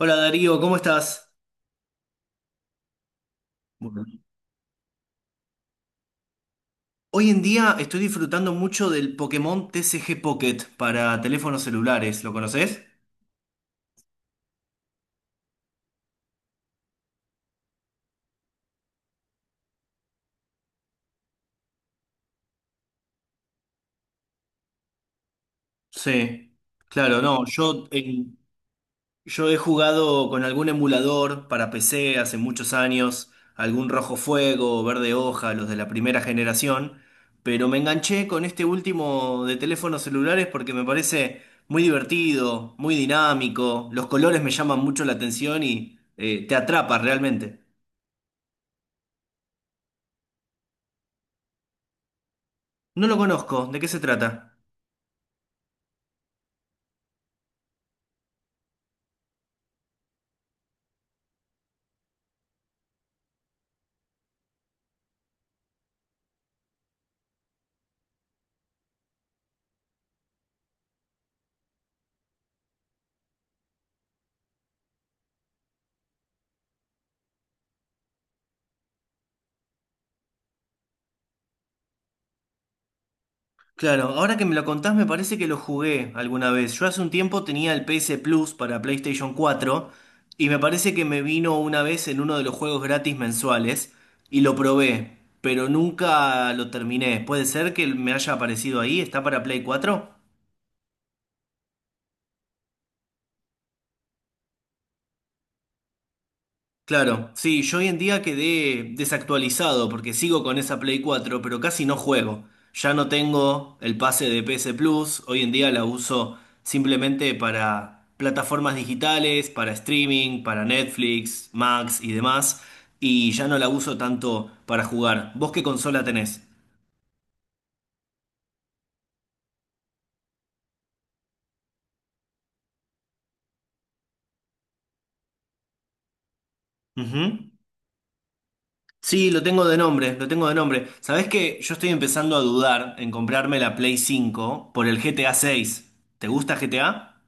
Hola Darío, ¿cómo estás? Bueno. Hoy en día estoy disfrutando mucho del Pokémon TCG Pocket para teléfonos celulares. ¿Lo conoces? Sí, claro, no. Yo he jugado con algún emulador para PC hace muchos años, algún Rojo Fuego, Verde Hoja, los de la primera generación, pero me enganché con este último de teléfonos celulares porque me parece muy divertido, muy dinámico, los colores me llaman mucho la atención y te atrapa realmente. No lo conozco, ¿de qué se trata? Claro, ahora que me lo contás me parece que lo jugué alguna vez. Yo hace un tiempo tenía el PS Plus para PlayStation 4 y me parece que me vino una vez en uno de los juegos gratis mensuales y lo probé, pero nunca lo terminé. ¿Puede ser que me haya aparecido ahí? ¿Está para Play 4? Claro, sí, yo hoy en día quedé desactualizado porque sigo con esa Play 4, pero casi no juego. Ya no tengo el pase de PS Plus, hoy en día la uso simplemente para plataformas digitales, para streaming, para Netflix, Max y demás, y ya no la uso tanto para jugar. ¿Vos qué consola tenés? Ujú. Sí, lo tengo de nombre, lo tengo de nombre. ¿Sabés que yo estoy empezando a dudar en comprarme la Play 5 por el GTA 6? ¿Te gusta GTA?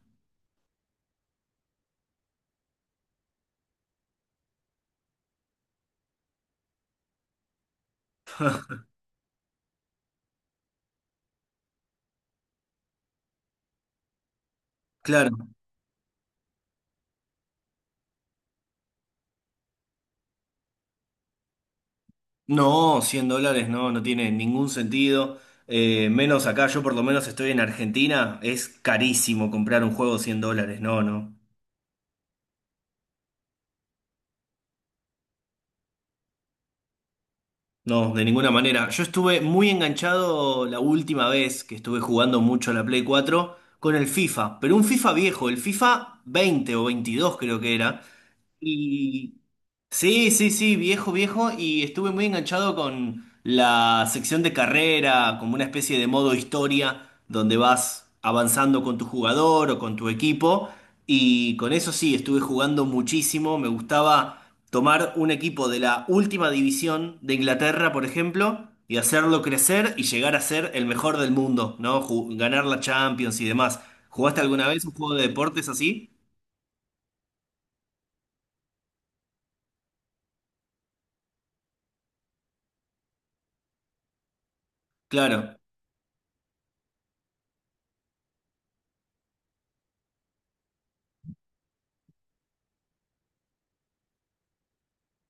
Claro. No, $100 no, no tiene ningún sentido. Menos acá, yo por lo menos estoy en Argentina, es carísimo comprar un juego 100 dólares, no, no, no, de ninguna manera. Yo estuve muy enganchado la última vez que estuve jugando mucho a la Play 4 con el FIFA, pero un FIFA viejo, el FIFA 20 o 22 creo que era. Y sí, sí, sí, viejo, viejo, y estuve muy enganchado con la sección de carrera, como una especie de modo historia, donde vas avanzando con tu jugador o con tu equipo, y con eso sí, estuve jugando muchísimo, me gustaba tomar un equipo de la última división de Inglaterra, por ejemplo, y hacerlo crecer y llegar a ser el mejor del mundo, ¿no? Ganar la Champions y demás. ¿Jugaste alguna vez un juego de deportes así? Claro,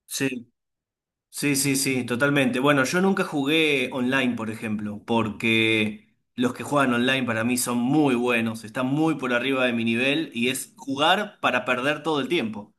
sí. Sí, sí, sí, totalmente. Bueno, yo nunca jugué online, por ejemplo, porque los que juegan online para mí son muy buenos, están muy por arriba de mi nivel y es jugar para perder todo el tiempo.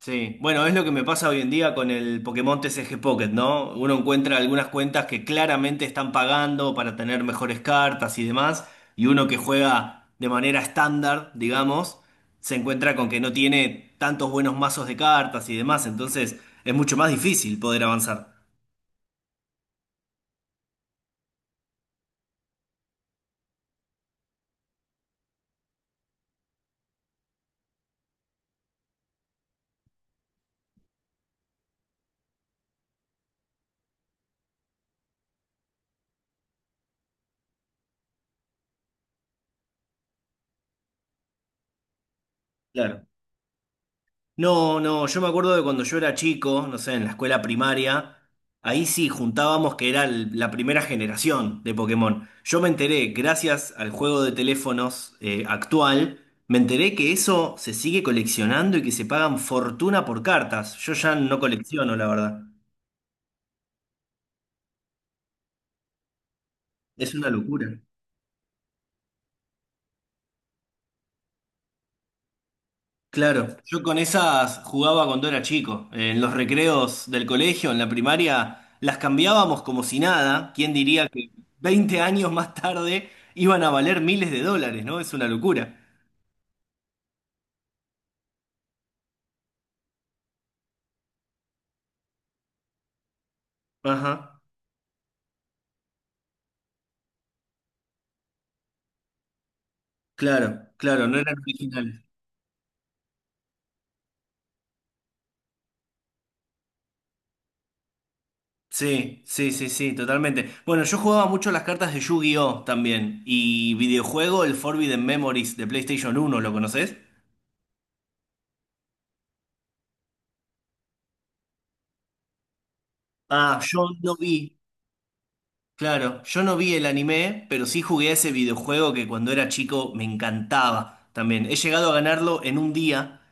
Sí, bueno, es lo que me pasa hoy en día con el Pokémon TCG Pocket, ¿no? Uno encuentra algunas cuentas que claramente están pagando para tener mejores cartas y demás, y uno que juega de manera estándar, digamos, se encuentra con que no tiene tantos buenos mazos de cartas y demás, entonces es mucho más difícil poder avanzar. Claro. No, no, yo me acuerdo de cuando yo era chico, no sé, en la escuela primaria, ahí sí juntábamos que era la primera generación de Pokémon. Yo me enteré, gracias al juego de teléfonos actual, me enteré que eso se sigue coleccionando y que se pagan fortuna por cartas. Yo ya no colecciono, la verdad. Es una locura. Claro, yo con esas jugaba cuando era chico. En los recreos del colegio, en la primaria, las cambiábamos como si nada. ¿Quién diría que 20 años más tarde iban a valer miles de dólares? ¿No? Es una locura. Ajá. Claro, claro, no eran originales. Sí, sí, sí, sí, totalmente. Bueno, yo jugaba mucho las cartas de Yu-Gi-Oh también. Y videojuego, el Forbidden Memories de PlayStation 1. ¿Lo conoces? Ah, yo no vi. Claro, yo no vi el anime, pero sí jugué a ese videojuego que cuando era chico me encantaba también. He llegado a ganarlo en un día,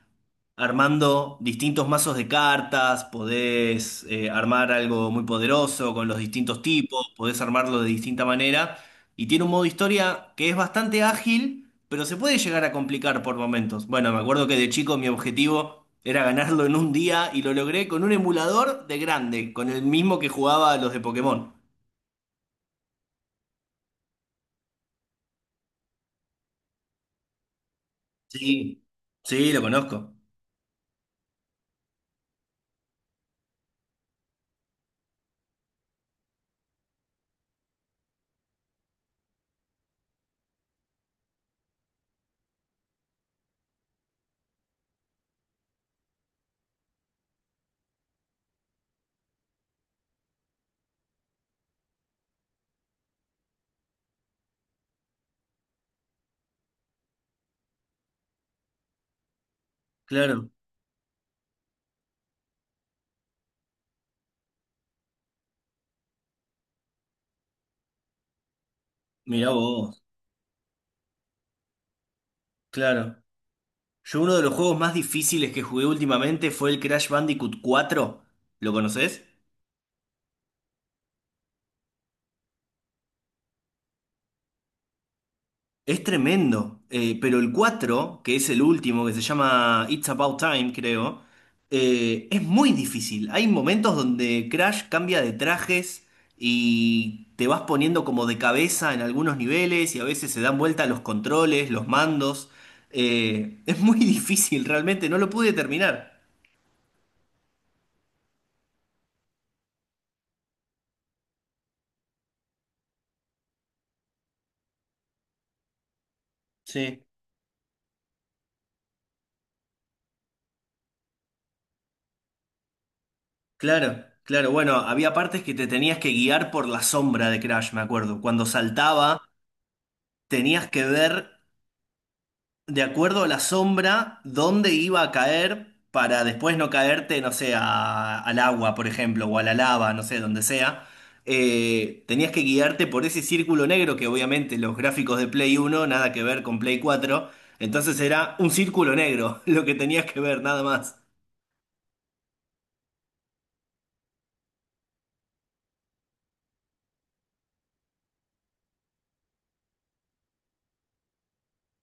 armando distintos mazos de cartas, podés armar algo muy poderoso con los distintos tipos, podés armarlo de distinta manera, y tiene un modo historia que es bastante ágil, pero se puede llegar a complicar por momentos. Bueno, me acuerdo que de chico mi objetivo era ganarlo en un día y lo logré con un emulador de grande, con el mismo que jugaba a los de Pokémon. Sí, sí, lo conozco. Claro, mirá vos, claro. Yo uno de los juegos más difíciles que jugué últimamente fue el Crash Bandicoot 4. ¿Lo conoces? Es tremendo, pero el cuatro, que es el último, que se llama It's About Time, creo, es muy difícil. Hay momentos donde Crash cambia de trajes y te vas poniendo como de cabeza en algunos niveles y a veces se dan vuelta los controles, los mandos. Es muy difícil, realmente, no lo pude terminar. Sí, claro, claro. Bueno, había partes que te tenías que guiar por la sombra de Crash, me acuerdo. Cuando saltaba tenías que ver de acuerdo a la sombra, dónde iba a caer para después no caerte, no sé, al agua, por ejemplo, o a la lava, no sé, donde sea. Tenías que guiarte por ese círculo negro que obviamente los gráficos de Play 1 nada que ver con Play 4. Entonces era un círculo negro lo que tenías que ver, nada más.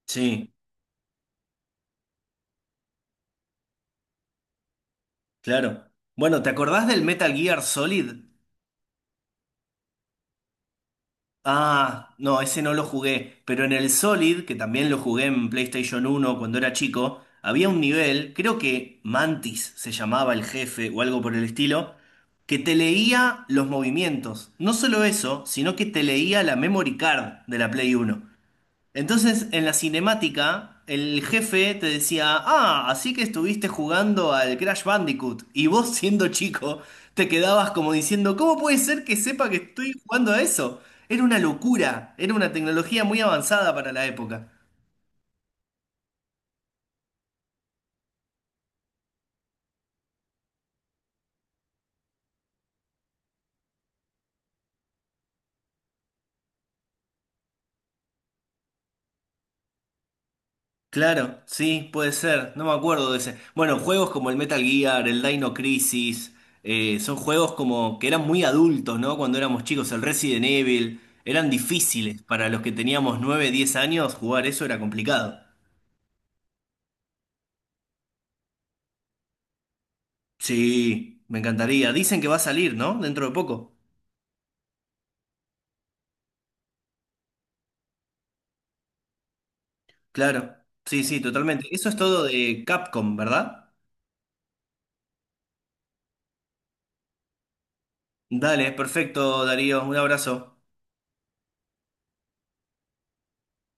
Sí, claro. Bueno, ¿te acordás del Metal Gear Solid? Ah, no, ese no lo jugué, pero en el Solid, que también lo jugué en PlayStation 1 cuando era chico, había un nivel, creo que Mantis se llamaba el jefe o algo por el estilo, que te leía los movimientos. No solo eso, sino que te leía la memory card de la Play 1. Entonces, en la cinemática, el jefe te decía: ah, así que estuviste jugando al Crash Bandicoot. Y vos, siendo chico, te quedabas como diciendo, ¿cómo puede ser que sepa que estoy jugando a eso? Era una locura, era una tecnología muy avanzada para la época. Claro, sí, puede ser, no me acuerdo de ese. Bueno, juegos como el Metal Gear, el Dino Crisis, son juegos como que eran muy adultos, ¿no? Cuando éramos chicos, el Resident Evil, eran difíciles. Para los que teníamos 9, 10 años, jugar eso era complicado. Sí, me encantaría. Dicen que va a salir, ¿no? Dentro de poco. Claro, sí, sí, totalmente. Eso es todo de Capcom, ¿verdad? Dale, perfecto, Darío, un abrazo.